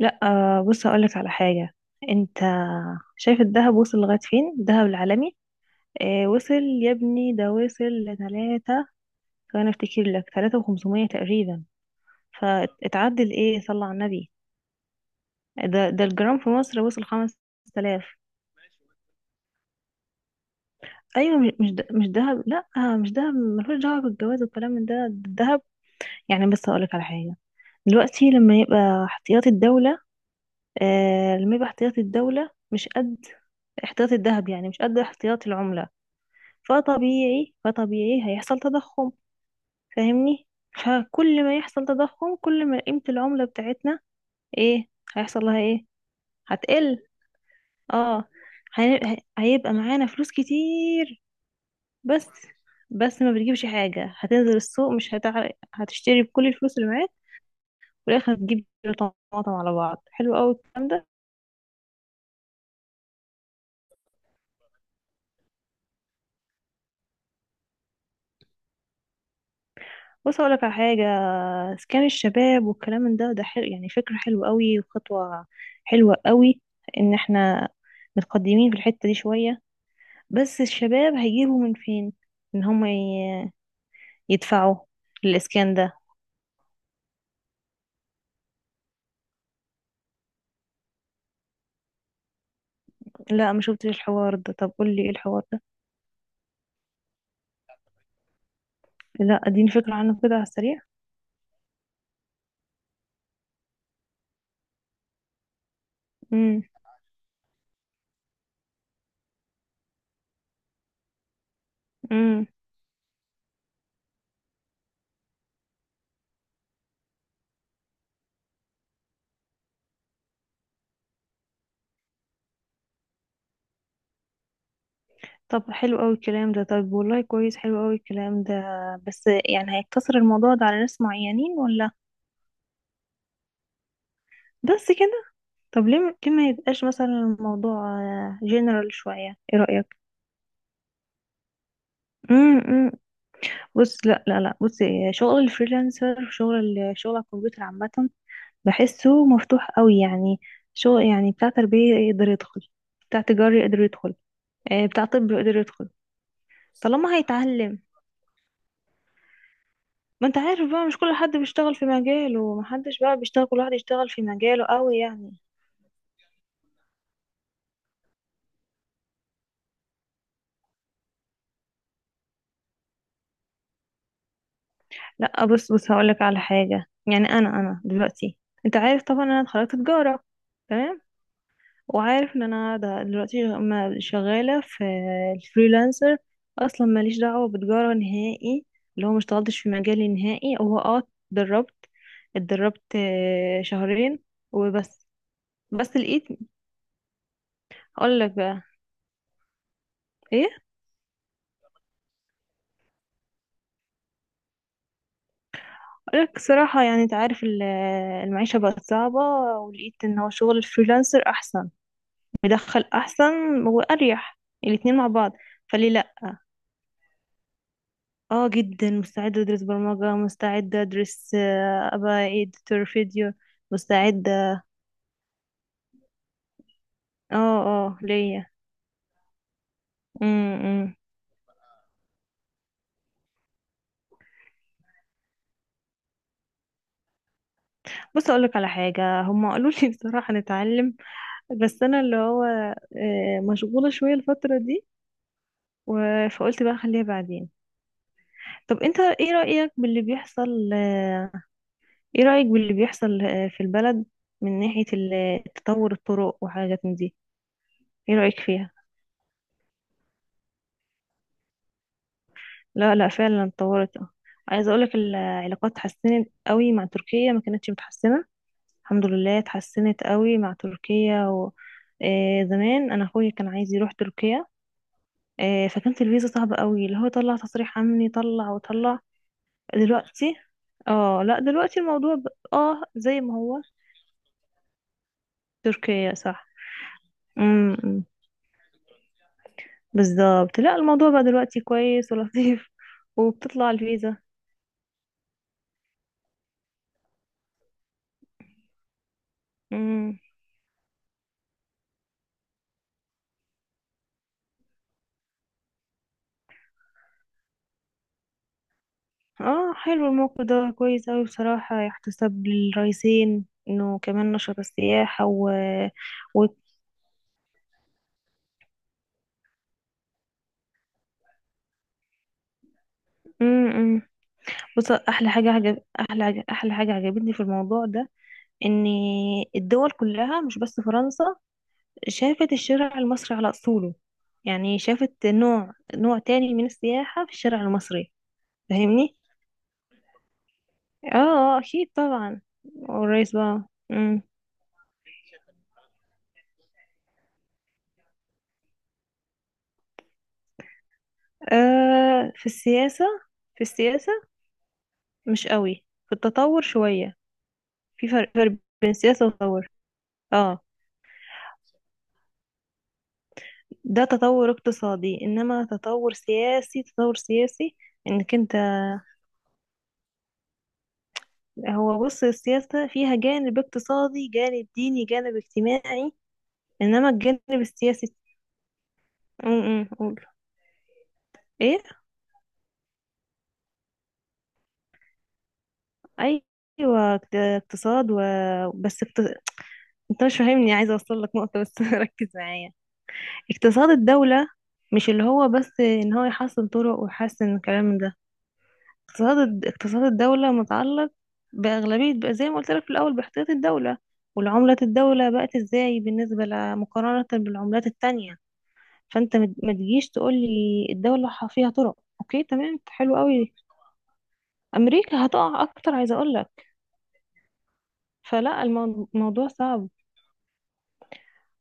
لا بص هقولك على حاجة. انت شايف الذهب وصل لغاية فين؟ الذهب العالمي. آه، وصل يا ابني، ده وصل لتلاتة. فانا افتكر لك 3500 تقريبا. فاتعدل ايه؟ صلى على النبي. ده الجرام في مصر وصل 5000. ايوه، مش مش دهب. لا، مش دهب، ملوش دعوة بالجواز والكلام من ده الدهب. يعني بس هقولك على حاجة. دلوقتي لما يبقى احتياطي الدولة، لما يبقى احتياطي الدولة مش قد احتياطي الذهب، يعني مش قد احتياطي العملة. فطبيعي هيحصل تضخم. فاهمني؟ فكل ما يحصل تضخم، كل ما قيمة العملة بتاعتنا، ايه هيحصل لها؟ ايه؟ هتقل. اه، هيبقى معانا فلوس كتير. بس بس ما بتجيبش حاجة. هتنزل السوق مش هتعرف هتشتري بكل الفلوس اللي معاك. في الآخر هتجيب كيلو طماطم على بعض. حلو قوي الكلام ده. بص أقولك على حاجة. إسكان الشباب والكلام من ده، ده حلو، يعني فكرة حلوة قوي وخطوة حلوة قوي. إن احنا متقدمين في الحتة دي شوية، بس الشباب هيجيبوا من فين؟ إن هم يدفعوا للإسكان ده. لا، ما شفتش الحوار ده. طب قولي إيه الحوار ده. لا، اديني فكرة عنه كده على السريع. امم. امم. طب، حلو قوي الكلام ده. طب والله كويس، حلو قوي الكلام ده. بس يعني هيقتصر الموضوع ده على ناس معينين ولا؟ بس كده؟ طب ليه ما يبقاش مثلا الموضوع جنرال شوية؟ ايه رأيك؟ امم. بص، لا، لا، لا، بص، شغل الفريلانسر، شغل على الكمبيوتر عامة. بحسه مفتوح قوي يعني. شغل يعني بتاع تربية يقدر يدخل، بتاع تجاري يقدر يدخل، بتاع طب يقدر يدخل. طالما هيتعلم. ما انت عارف بقى، مش كل حد بيشتغل في مجاله، ومحدش بقى بيشتغل، كل واحد يشتغل في مجاله قوي يعني. لا، بص هقولك على حاجة. يعني انا دلوقتي، انت عارف طبعا انا اتخرجت تجارة. تمام. وعارف ان انا ده دلوقتي شغالة في الفريلانسر، اصلا ماليش دعوة بتجارة نهائي، اللي هو ما اشتغلتش في مجالي نهائي. هو اه اتدربت اتدربت شهرين وبس. بس لقيت، اقول لك بقى ايه، اقول لك صراحة، يعني انت عارف، المعيشة بقت صعبة، ولقيت ان هو شغل الفريلانسر احسن، مدخل احسن، واريح، الاتنين مع بعض. فليه لا؟ اه، جدا مستعدة ادرس برمجة، مستعدة ادرس، ابقى editor فيديو، مستعدة. اه، اه، ليا. امم. بص اقولك على حاجة، هم قالوا لي بصراحة نتعلم، بس انا اللي هو مشغولة شوية الفترة دي، فقلت بقى خليها بعدين. طب انت ايه رأيك باللي بيحصل؟ ايه رأيك باللي بيحصل في البلد، من ناحية تطور الطرق وحاجات من دي؟ ايه رأيك فيها؟ لا، لا، فعلا اتطورت، اه. عايزه اقولك، العلاقات اتحسنت قوي مع تركيا، ما كانتش متحسنه. الحمد لله اتحسنت قوي مع تركيا. و... زمان انا اخويا كان عايز يروح تركيا، فكانت الفيزا صعبه قوي، اللي هو طلع تصريح امني، طلع وطلع. دلوقتي، اه، لا دلوقتي الموضوع. ب... اه، زي ما هو تركيا، صح. امم. بالظبط، لا الموضوع بقى دلوقتي كويس ولطيف وبتطلع الفيزا. اه، حلو الموقف ده كويس اوي بصراحة، يحتسب للرئيسين انه كمان نشر السياحة. و, و... م م. بص، احلى حاجة عجبتني في الموضوع ده، ان الدول كلها، مش بس فرنسا، شافت الشارع المصري على اصوله. يعني شافت نوع تاني من السياحة في الشارع المصري. فاهمني؟ اه، اكيد طبعا. والرئيس بقى. م. آه، في السياسة، في السياسة مش قوي. في التطور شوية. في فرق بين سياسة وتطور. اه، ده تطور اقتصادي، انما تطور سياسي، تطور سياسي. انك انت، هو بص، السياسة فيها جانب اقتصادي، جانب ديني، جانب اجتماعي، انما الجانب السياسي. قول. ايه. ايوه، اقتصاد. و... بس اقت. انت مش فاهمني، عايزة اوصل لك نقطة بس ركز معايا. اقتصاد الدولة مش اللي هو بس ان هو يحسن طرق ويحسن الكلام ده. اقتصاد الدولة متعلق بأغلبية، بقى زي ما قلت لك في الأول، باحتياط الدولة، والعملة، الدولة بقت ازاي بالنسبة مقارنة بالعملات التانية. فانت ما تجيش تقول لي الدولة فيها طرق، اوكي تمام حلو قوي. أمريكا هتقع أكتر، عايزة أقول لك. فلا، الموضوع صعب.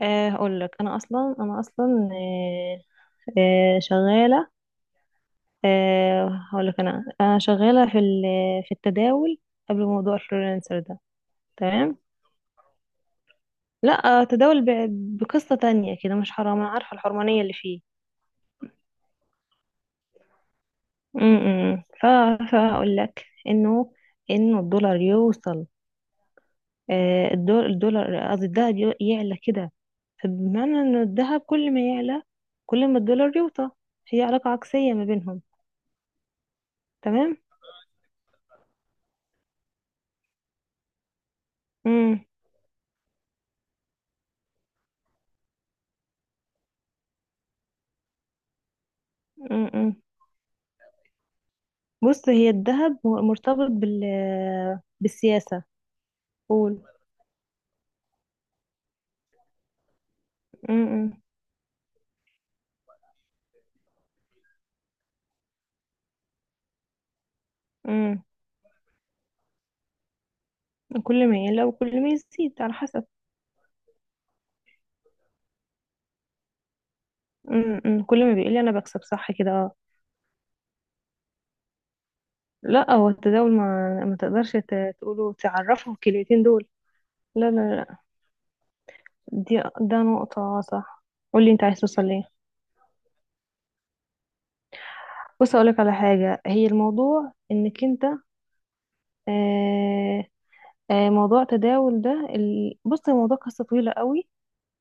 هقول لك أنا أصلا، شغالة. هقول لك، أنا شغالة في التداول قبل موضوع الفريلانسر ده. تمام. لا، تداول بقصة تانية كده مش حرام، انا عارفة الحرمانية اللي فيه. امم. فهقول لك انه الدولار يوصل. الدولار، قصدي الذهب، يعلى كده. فبمعنى ان الذهب كل ما يعلى، كل ما الدولار يوطى. هي علاقة عكسية ما بينهم. تمام. امم. امم. بص، هي الذهب هو مرتبط بال بالسياسة. قول. امم. امم. كل ما يعلى وكل ما يزيد على حسب. أمم، أمم، كل ما بيقول لي انا بكسب، صح كده؟ اه. لا، هو التداول ما تقدرش تقوله تعرفه الكلمتين دول. لا، لا، لا. دي ده نقطة، صح. قولي انت عايز توصل ليه. بص اقولك على حاجة، هي الموضوع انك انت. آه، آه، موضوع تداول ده، بص الموضوع قصة طويلة قوي.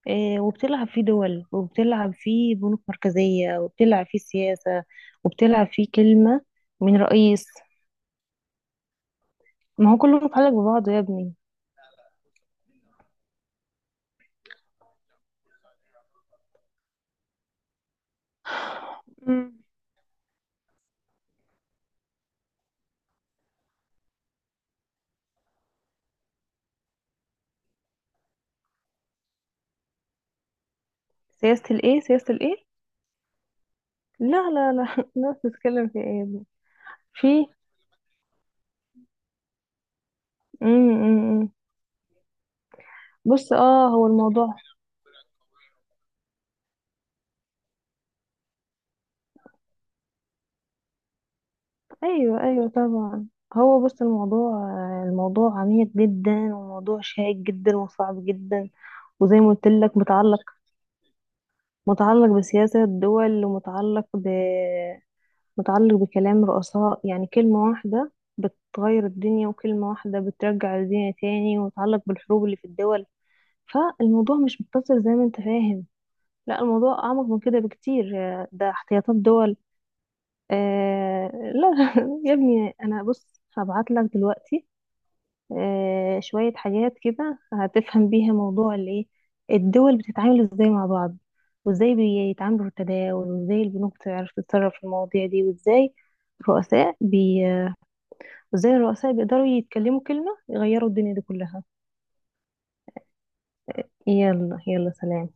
وبتلعب فيه دول، وبتلعب فيه بنوك مركزية، وبتلعب فيه سياسة، وبتلعب فيه كلمة من رئيس. ما هو كله متعلق ببعضه يا ابني. سياسة الايه؟ سياسة الايه؟ لا، لا، لا الناس بتتكلم في ايه يا ابني؟ في. امم. بص، هو الموضوع. ايوه، ايوه، طبعا. هو بص الموضوع، الموضوع عميق جدا، وموضوع شائك جدا، وصعب جدا. وزي ما قلت لك، متعلق بسياسة الدول، ومتعلق ب متعلق بكلام رؤساء، يعني كلمة واحدة بتغير الدنيا، وكلمة واحدة بترجع الدنيا تاني، ومتعلق بالحروب اللي في الدول. فالموضوع مش مقتصر زي ما انت فاهم، لا الموضوع أعمق من كده بكتير. ده احتياطات دول. آه. لا يا ابني، أنا بص هبعت لك دلوقتي شوية حاجات كده هتفهم بيها موضوع الإيه، الدول بتتعامل إزاي مع بعض، وإزاي بيتعاملوا في التداول، وإزاي البنوك بتعرف تتصرف في المواضيع دي، وإزاي الرؤساء، بي... وإزاي الرؤساء بيقدروا يتكلموا كلمة يغيروا الدنيا دي كلها. يلا، يلا، سلام.